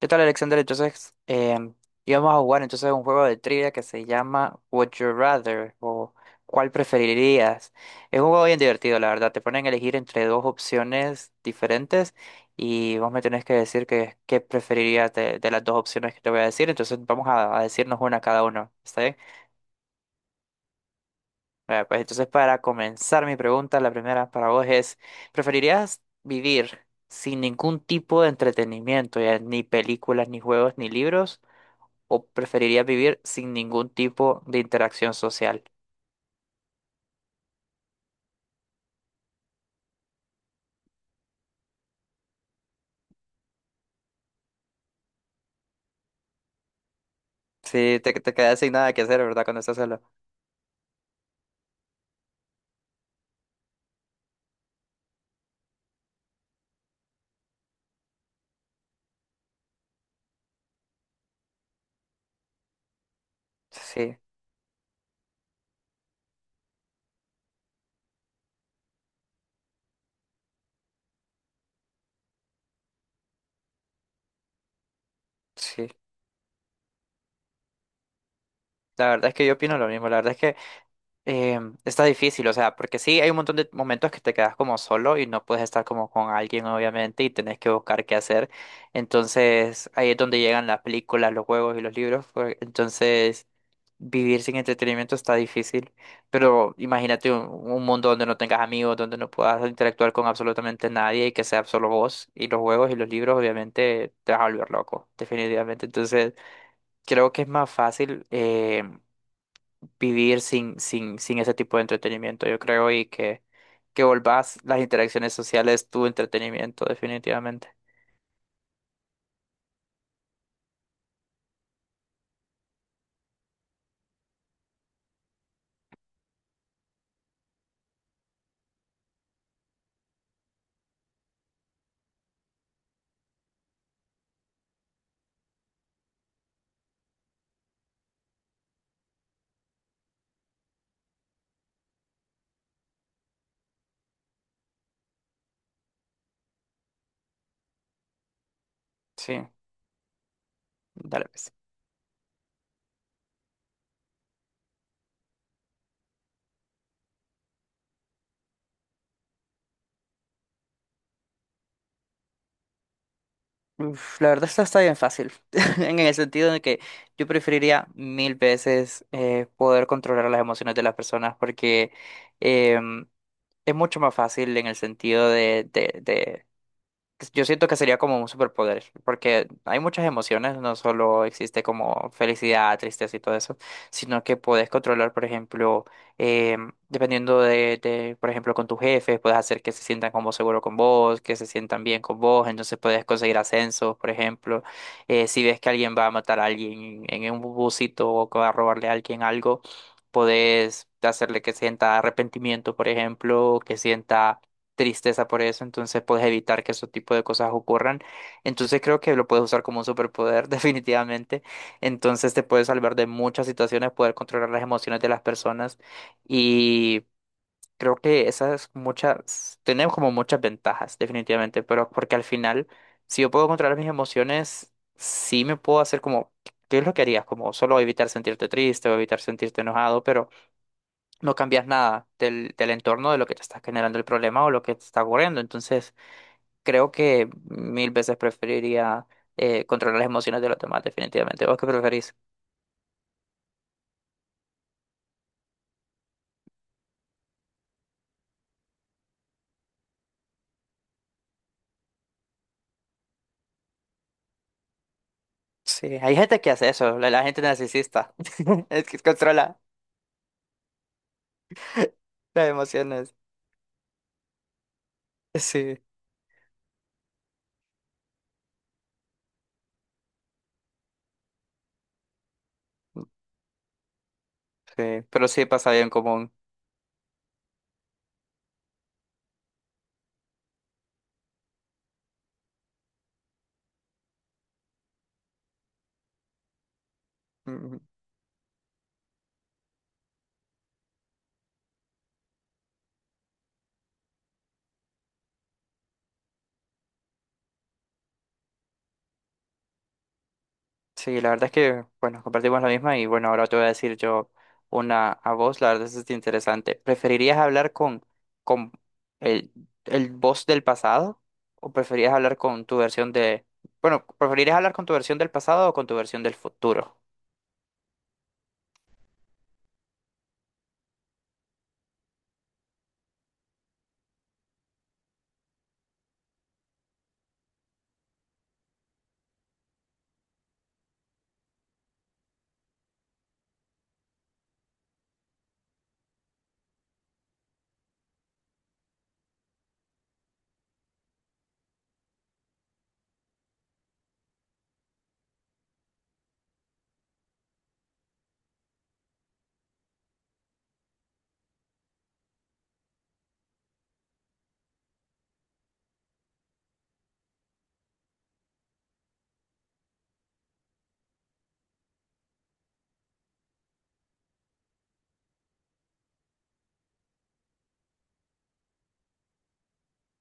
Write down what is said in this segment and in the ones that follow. ¿Qué tal, Alexander? Entonces, íbamos a jugar entonces un juego de trivia que se llama Would You Rather o ¿cuál preferirías? Es un juego bien divertido, la verdad. Te ponen a elegir entre dos opciones diferentes y vos me tenés que decir qué preferirías de las dos opciones que te voy a decir. Entonces, vamos a decirnos una cada uno. ¿Está bien? Bueno, pues entonces, para comenzar mi pregunta, la primera para vos es, ¿preferirías vivir sin ningún tipo de entretenimiento, ya ni películas, ni juegos, ni libros, o preferirías vivir sin ningún tipo de interacción social? Sí, te quedas sin nada que hacer, ¿verdad? Cuando estás solo. Sí, sí. La verdad es que yo opino lo mismo. La verdad es que está difícil, o sea, porque sí hay un montón de momentos que te quedas como solo y no puedes estar como con alguien, obviamente, y tenés que buscar qué hacer. Entonces, ahí es donde llegan las películas, los juegos y los libros. Pues, entonces, vivir sin entretenimiento está difícil, pero imagínate un mundo donde no tengas amigos, donde no puedas interactuar con absolutamente nadie y que sea solo vos y los juegos y los libros, obviamente te vas a volver loco, definitivamente. Entonces, creo que es más fácil vivir sin ese tipo de entretenimiento, yo creo, que volvás las interacciones sociales tu entretenimiento, definitivamente. Sí, dale pues. Uf, la verdad, esta está bien fácil, en el sentido de que yo preferiría mil veces poder controlar las emociones de las personas porque em, es mucho más fácil en el sentido de pues, yo siento que sería como un superpoder, porque hay muchas emociones, no solo existe como felicidad, tristeza y todo eso, sino que puedes controlar, por ejemplo, dependiendo por ejemplo, con tus jefes, puedes hacer que se sientan como seguro con vos, que se sientan bien con vos, entonces puedes conseguir ascensos, por ejemplo. Si ves que alguien va a matar a alguien en un busito o que va a robarle a alguien algo, puedes hacerle que sienta arrepentimiento, por ejemplo, que sienta tristeza por eso, entonces puedes evitar que ese tipo de cosas ocurran. Entonces creo que lo puedes usar como un superpoder, definitivamente. Entonces te puedes salvar de muchas situaciones, poder controlar las emociones de las personas y creo que esas muchas, tenemos como muchas ventajas, definitivamente, pero porque al final, si yo puedo controlar mis emociones, sí me puedo hacer como, ¿qué es lo que harías? Como solo evitar sentirte triste o evitar sentirte enojado, pero no cambias nada del entorno de lo que te está generando el problema o lo que te está ocurriendo. Entonces, creo que mil veces preferiría controlar las emociones de los demás, definitivamente. ¿Vos qué preferís? Sí, hay gente que hace eso, la gente narcisista, es que controla las emociones. Sí, sí, pero sí pasa bien común. Sí, la verdad es que, bueno, compartimos la misma y bueno, ahora te voy a decir yo una a vos, la verdad es que es interesante. ¿Preferirías hablar con el, el vos del pasado o preferirías hablar con tu versión de, bueno, preferirías hablar con tu versión del pasado o con tu versión del futuro?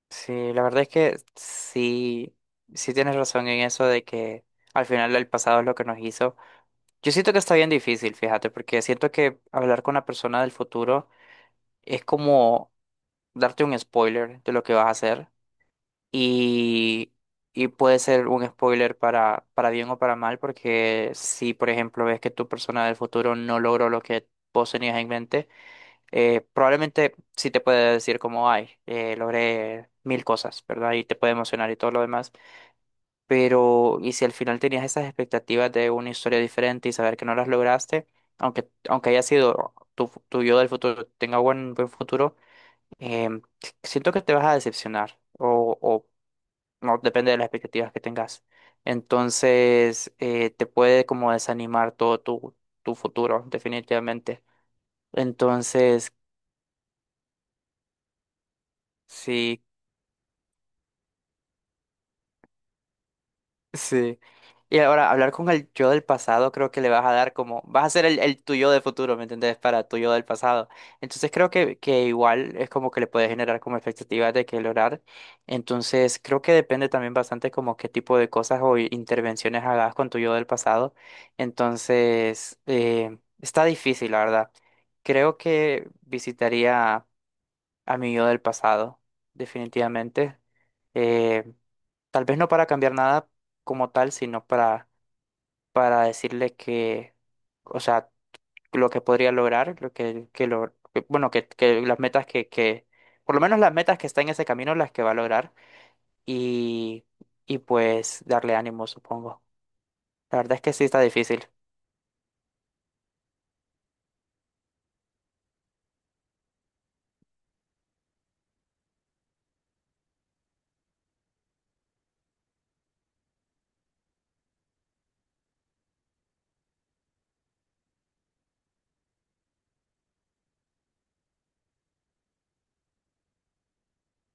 Sí, la verdad es que sí, sí tienes razón en eso de que al final el pasado es lo que nos hizo. Yo siento que está bien difícil, fíjate, porque siento que hablar con una persona del futuro es como darte un spoiler de lo que vas a hacer y, y puede ser un spoiler para bien o para mal, porque si, por ejemplo, ves que tu persona del futuro no logró lo que vos tenías en mente, probablemente sí te puede decir como, ay, logré mil cosas, ¿verdad? Y te puede emocionar y todo lo demás, pero y si al final tenías esas expectativas de una historia diferente y saber que no las lograste, aunque haya sido... tu yo del futuro tenga buen futuro, em, siento que te vas a decepcionar o no, depende de las expectativas que tengas. Entonces, te puede como desanimar todo tu futuro, definitivamente. Entonces, sí. Sí. Y ahora, hablar con el yo del pasado, creo que le vas a dar como, vas a ser el tuyo de futuro, ¿me entendés? Para tu yo del pasado. Entonces creo que igual es como que le puedes generar como expectativas de que lograr. Entonces creo que depende también bastante como qué tipo de cosas o intervenciones hagas con tu yo del pasado. Entonces, está difícil, la verdad. Creo que visitaría a mi yo del pasado, definitivamente. Eh, Tal vez no para cambiar nada como tal, sino para decirle que, o sea, lo que podría lograr, lo que lo, que- bueno, que las metas por lo menos las metas que está en ese camino, las que va a lograr y, y pues darle ánimo, supongo. La verdad es que sí está difícil.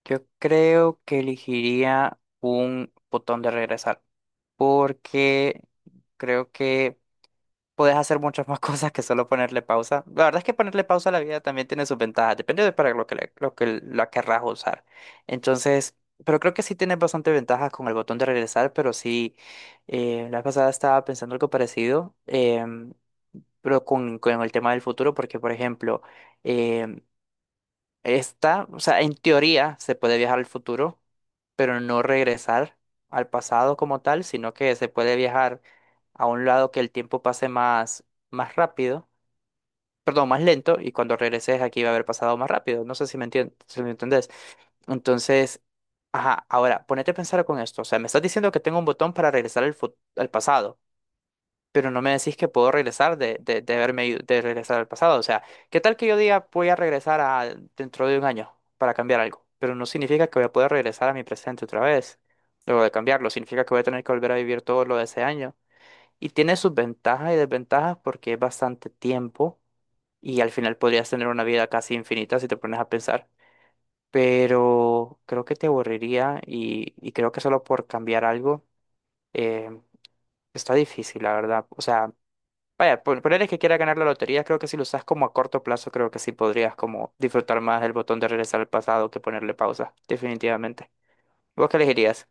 Yo creo que elegiría un botón de regresar, porque creo que puedes hacer muchas más cosas que solo ponerle pausa. La verdad es que ponerle pausa a la vida también tiene sus ventajas, depende de para lo que, lo que la querrás usar. Entonces, pero creo que sí tienes bastante ventajas con el botón de regresar, pero sí, la vez pasada estaba pensando algo parecido, pero con el tema del futuro, porque por ejemplo, em, esta, o sea, en teoría se puede viajar al futuro, pero no regresar al pasado como tal, sino que se puede viajar a un lado que el tiempo pase más rápido, perdón, más lento, y cuando regreses aquí va a haber pasado más rápido. No sé si me entiendes, si me entendés. Entonces, ajá, ahora, ponete a pensar con esto. O sea, me estás diciendo que tengo un botón para regresar al, al pasado, pero no me decís que puedo regresar de de regresar al pasado. O sea, ¿qué tal que yo diga voy a regresar a dentro de un año para cambiar algo? Pero no significa que voy a poder regresar a mi presente otra vez, luego de cambiarlo. Significa que voy a tener que volver a vivir todo lo de ese año. Y tiene sus ventajas y desventajas porque es bastante tiempo y al final podrías tener una vida casi infinita si te pones a pensar. Pero creo que te aburriría y creo que solo por cambiar algo eh, está difícil, la verdad. O sea, vaya, ponerle que quiera ganar la lotería, creo que si lo usas como a corto plazo, creo que sí podrías como disfrutar más el botón de regresar al pasado que ponerle pausa, definitivamente. ¿Vos qué elegirías?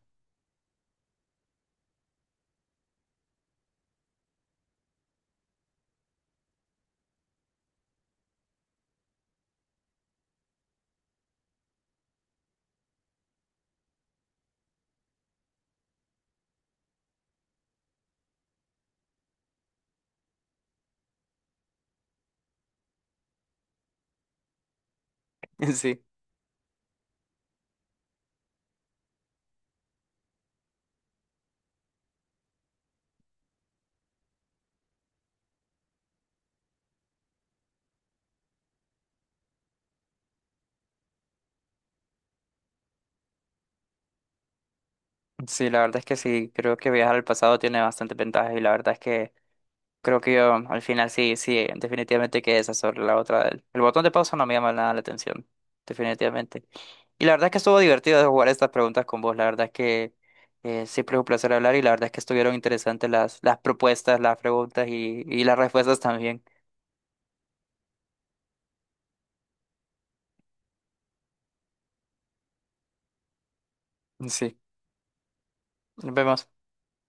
Sí. Sí, la verdad es que sí, creo que viajar al pasado tiene bastantes ventajas y la verdad es que creo que yo al final sí, sí, definitivamente que esa sobre la otra. El botón de pausa no me llama nada la atención, definitivamente. Y la verdad es que estuvo divertido de jugar estas preguntas con vos. La verdad es que siempre es un placer hablar y la verdad es que estuvieron interesantes las propuestas, las preguntas y las respuestas también. Sí, nos vemos.